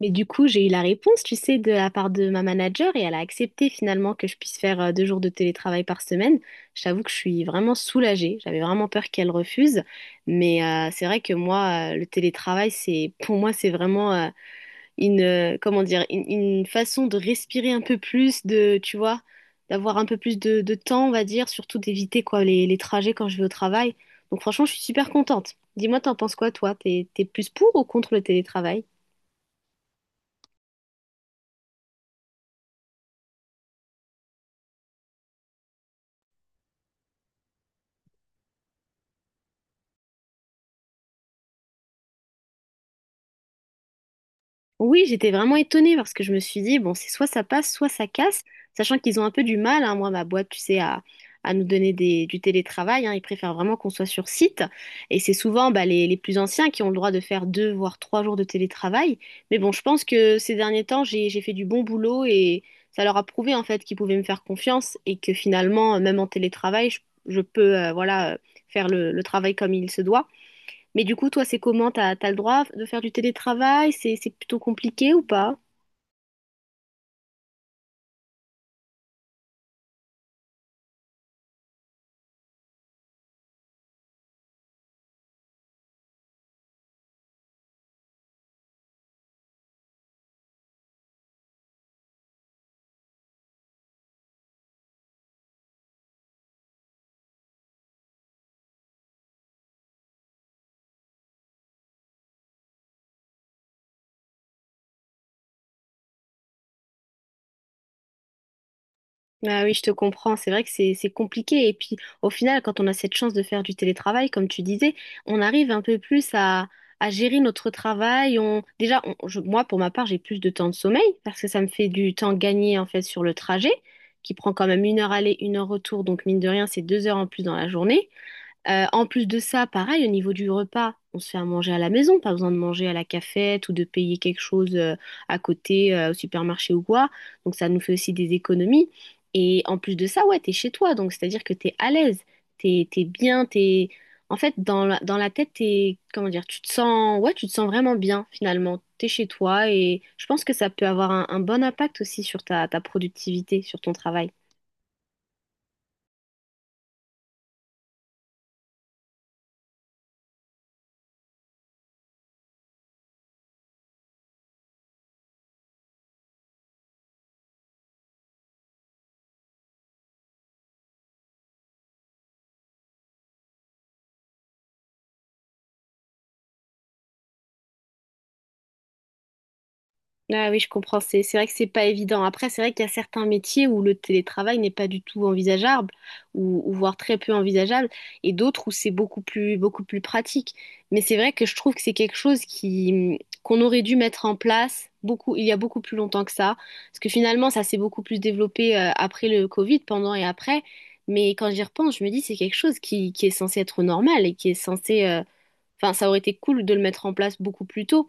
Mais du coup, j'ai eu la réponse, tu sais, de la part de ma manager et elle a accepté finalement que je puisse faire 2 jours de télétravail par semaine. Je t'avoue que je suis vraiment soulagée. J'avais vraiment peur qu'elle refuse. Mais c'est vrai que moi, le télétravail, c'est, pour moi, c'est vraiment une, comment dire, une façon de respirer un peu plus, de, tu vois, d'avoir un peu plus de temps, on va dire, surtout d'éviter quoi les trajets quand je vais au travail. Donc franchement, je suis super contente. Dis-moi, t'en penses quoi, toi? T'es plus pour ou contre le télétravail? Oui, j'étais vraiment étonnée parce que je me suis dit, bon, c'est soit ça passe, soit ça casse, sachant qu'ils ont un peu du mal, hein, moi, ma boîte, tu sais, à nous donner des, du télétravail, hein, ils préfèrent vraiment qu'on soit sur site. Et c'est souvent bah, les plus anciens qui ont le droit de faire deux, voire 3 jours de télétravail. Mais bon, je pense que ces derniers temps, j'ai fait du bon boulot et ça leur a prouvé, en fait, qu'ils pouvaient me faire confiance et que finalement, même en télétravail, je peux, faire le travail comme il se doit. Mais du coup, toi, c'est comment? T'as le droit de faire du télétravail? C'est plutôt compliqué ou pas? Ah oui, je te comprends. C'est vrai que c'est compliqué. Et puis, au final, quand on a cette chance de faire du télétravail, comme tu disais, on arrive un peu plus à gérer notre travail. On, déjà, moi, pour ma part, j'ai plus de temps de sommeil parce que ça me fait du temps gagné, en fait, sur le trajet, qui prend quand même 1 heure aller, 1 heure retour. Donc, mine de rien, c'est 2 heures en plus dans la journée. En plus de ça, pareil, au niveau du repas, on se fait à manger à la maison, pas besoin de manger à la cafette ou de payer quelque chose à côté au supermarché ou quoi. Donc ça nous fait aussi des économies. Et en plus de ça, ouais, t'es chez toi, donc c'est-à-dire que t'es à l'aise, t'es bien, t'es... En fait, dans la tête, t'es, comment dire, tu te sens, ouais, tu te sens vraiment bien finalement. T'es chez toi et je pense que ça peut avoir un bon impact aussi sur ta productivité, sur ton travail. Ah oui, je comprends. C'est vrai que c'est pas évident. Après, c'est vrai qu'il y a certains métiers où le télétravail n'est pas du tout envisageable, ou voire très peu envisageable, et d'autres où c'est beaucoup plus pratique. Mais c'est vrai que je trouve que c'est quelque chose qui qu'on aurait dû mettre en place beaucoup il y a beaucoup plus longtemps que ça, parce que finalement ça s'est beaucoup plus développé après le Covid, pendant et après. Mais quand j'y repense, je me dis c'est quelque chose qui est censé être normal et qui est censé, enfin ça aurait été cool de le mettre en place beaucoup plus tôt.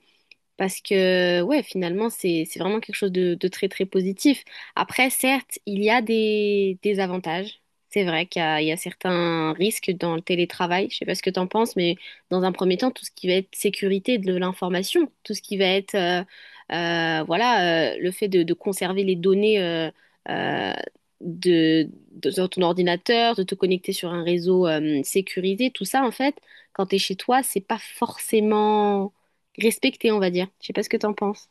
Parce que, ouais, finalement, c'est vraiment quelque chose de très, très positif. Après, certes, il y a des avantages. C'est vrai qu'il y a, il y a certains risques dans le télétravail. Je sais pas ce que tu en penses, mais dans un premier temps, tout ce qui va être sécurité de l'information, tout ce qui va être, voilà, le fait de conserver les données euh, de, sur ton ordinateur, de te connecter sur un réseau sécurisé, tout ça, en fait, quand tu es chez toi, c'est pas forcément respecté, on va dire. Je sais pas ce que t'en penses.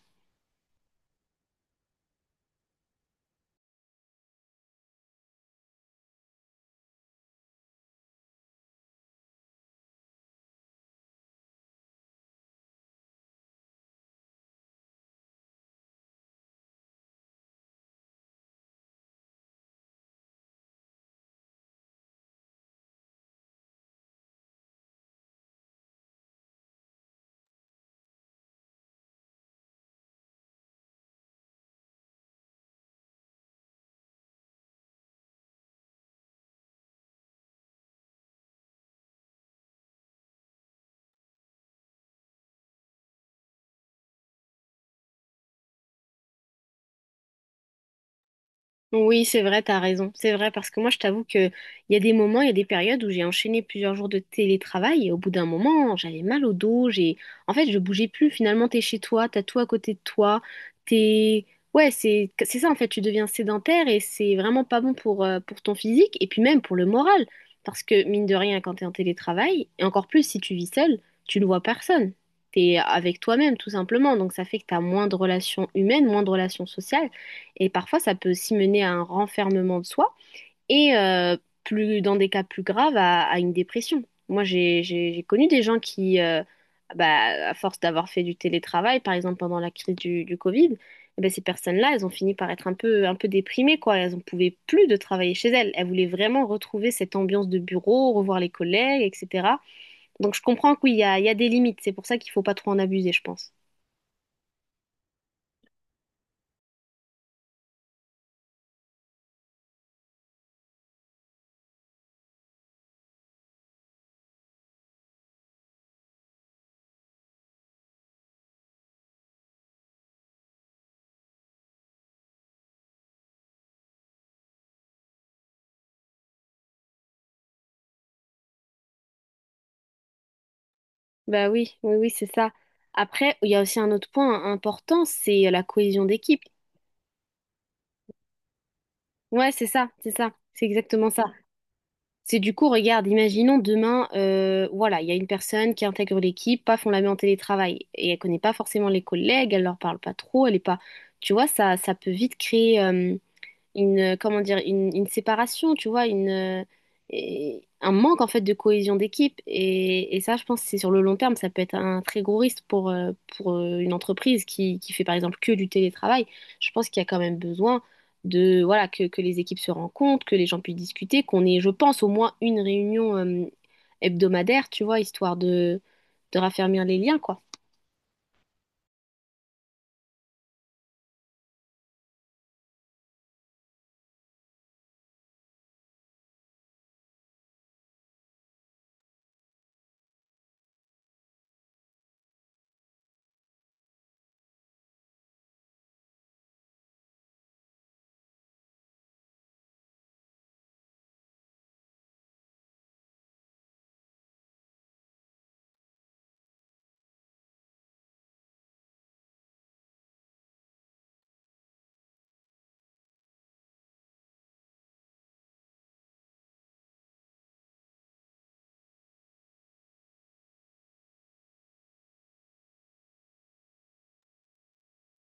Oui, c'est vrai, t'as raison. C'est vrai, parce que moi, je t'avoue que il y a des moments, il y a des périodes où j'ai enchaîné plusieurs jours de télétravail et au bout d'un moment, j'avais mal au dos. En fait, je bougeais plus. Finalement, t'es chez toi, t'as tout à côté de toi. T'es, ouais, c'est ça en fait. Tu deviens sédentaire et c'est vraiment pas bon pour ton physique et puis même pour le moral, parce que mine de rien, quand t'es en télétravail et encore plus si tu vis seul, tu ne vois personne. T'es avec toi-même tout simplement, donc ça fait que t'as moins de relations humaines, moins de relations sociales. Et parfois, ça peut aussi mener à un renfermement de soi et, plus, dans des cas plus graves, à une dépression. Moi, j'ai connu des gens qui, bah, à force d'avoir fait du télétravail, par exemple pendant la crise du Covid, eh ben, ces personnes-là, elles ont fini par être un peu déprimées, quoi. Elles n'en pouvaient plus de travailler chez elles. Elles voulaient vraiment retrouver cette ambiance de bureau, revoir les collègues, etc. Donc, je comprends que oui, il y a des limites. C'est pour ça qu'il ne faut pas trop en abuser, je pense. Bah oui, oui, oui, c'est ça. Après, il y a aussi un autre point important, c'est la cohésion d'équipe. Ouais, c'est ça, c'est ça, c'est exactement ça. C'est du coup, regarde, imaginons demain, voilà, il y a une personne qui intègre l'équipe, paf, on la met en télétravail et elle connaît pas forcément les collègues, elle leur parle pas trop, elle est pas, tu vois, ça peut vite créer, comment dire, une séparation, tu vois, un manque en fait de cohésion d'équipe. Et ça, je pense que c'est sur le long terme, ça peut être un très gros risque pour, une entreprise qui fait par exemple que du télétravail. Je pense qu'il y a quand même besoin de, voilà, que les équipes se rencontrent, que les gens puissent discuter, qu'on ait, je pense, au moins une réunion, hebdomadaire, tu vois, histoire de raffermir les liens, quoi.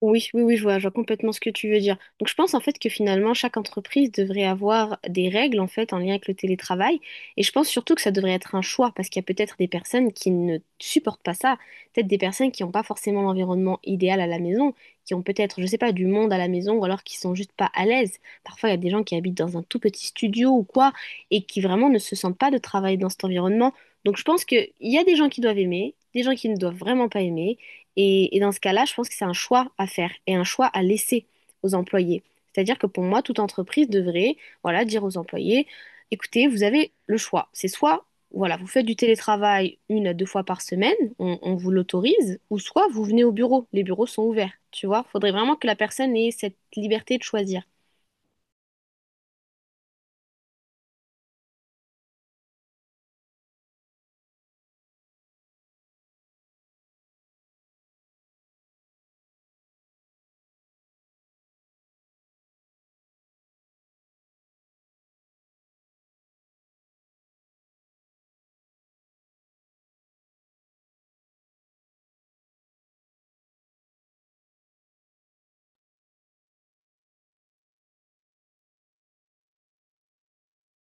Oui, oui, oui, je vois complètement ce que tu veux dire. Donc, je pense en fait que finalement, chaque entreprise devrait avoir des règles en fait en lien avec le télétravail. Et je pense surtout que ça devrait être un choix parce qu'il y a peut-être des personnes qui ne supportent pas ça, peut-être des personnes qui n'ont pas forcément l'environnement idéal à la maison, qui ont peut-être, je sais pas, du monde à la maison ou alors qui sont juste pas à l'aise. Parfois, il y a des gens qui habitent dans un tout petit studio ou quoi et qui vraiment ne se sentent pas de travailler dans cet environnement. Donc, je pense qu'il y a des gens qui doivent aimer, des gens qui ne doivent vraiment pas aimer. Et dans ce cas-là, je pense que c'est un choix à faire et un choix à laisser aux employés. C'est-à-dire que pour moi, toute entreprise devrait, voilà, dire aux employés, écoutez, vous avez le choix. C'est soit, voilà, vous faites du télétravail une à deux fois par semaine, on vous l'autorise, ou soit vous venez au bureau. Les bureaux sont ouverts, tu vois. Faudrait vraiment que la personne ait cette liberté de choisir.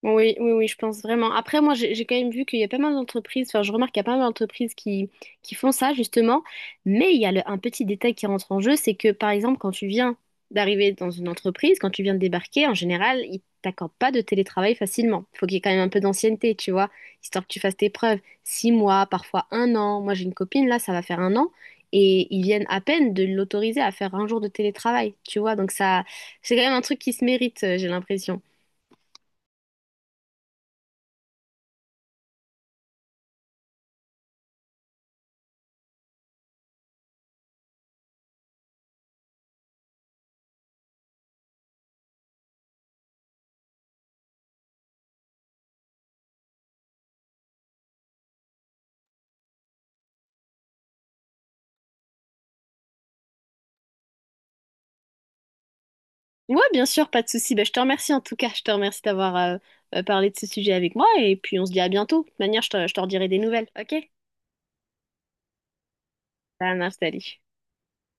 Oui, oui, oui, je pense vraiment. Après, moi, j'ai quand même vu qu'il y a pas mal d'entreprises, enfin, je remarque qu'il y a pas mal d'entreprises qui font ça, justement, mais il y a un petit détail qui rentre en jeu, c'est que, par exemple, quand tu viens d'arriver dans une entreprise, quand tu viens de débarquer, en général, ils t'accordent pas de télétravail facilement. Il faut qu'il y ait quand même un peu d'ancienneté, tu vois, histoire que tu fasses tes preuves. 6 mois, parfois un an. Moi, j'ai une copine, là, ça va faire un an, et ils viennent à peine de l'autoriser à faire 1 jour de télétravail, tu vois, donc ça, c'est quand même un truc qui se mérite, j'ai l'impression. Ouais, bien sûr, pas de souci. Ben, je te remercie en tout cas. Je te remercie d'avoir parlé de ce sujet avec moi. Et puis, on se dit à bientôt. De toute manière, je te redirai des nouvelles. Ok? Ça marche, salut.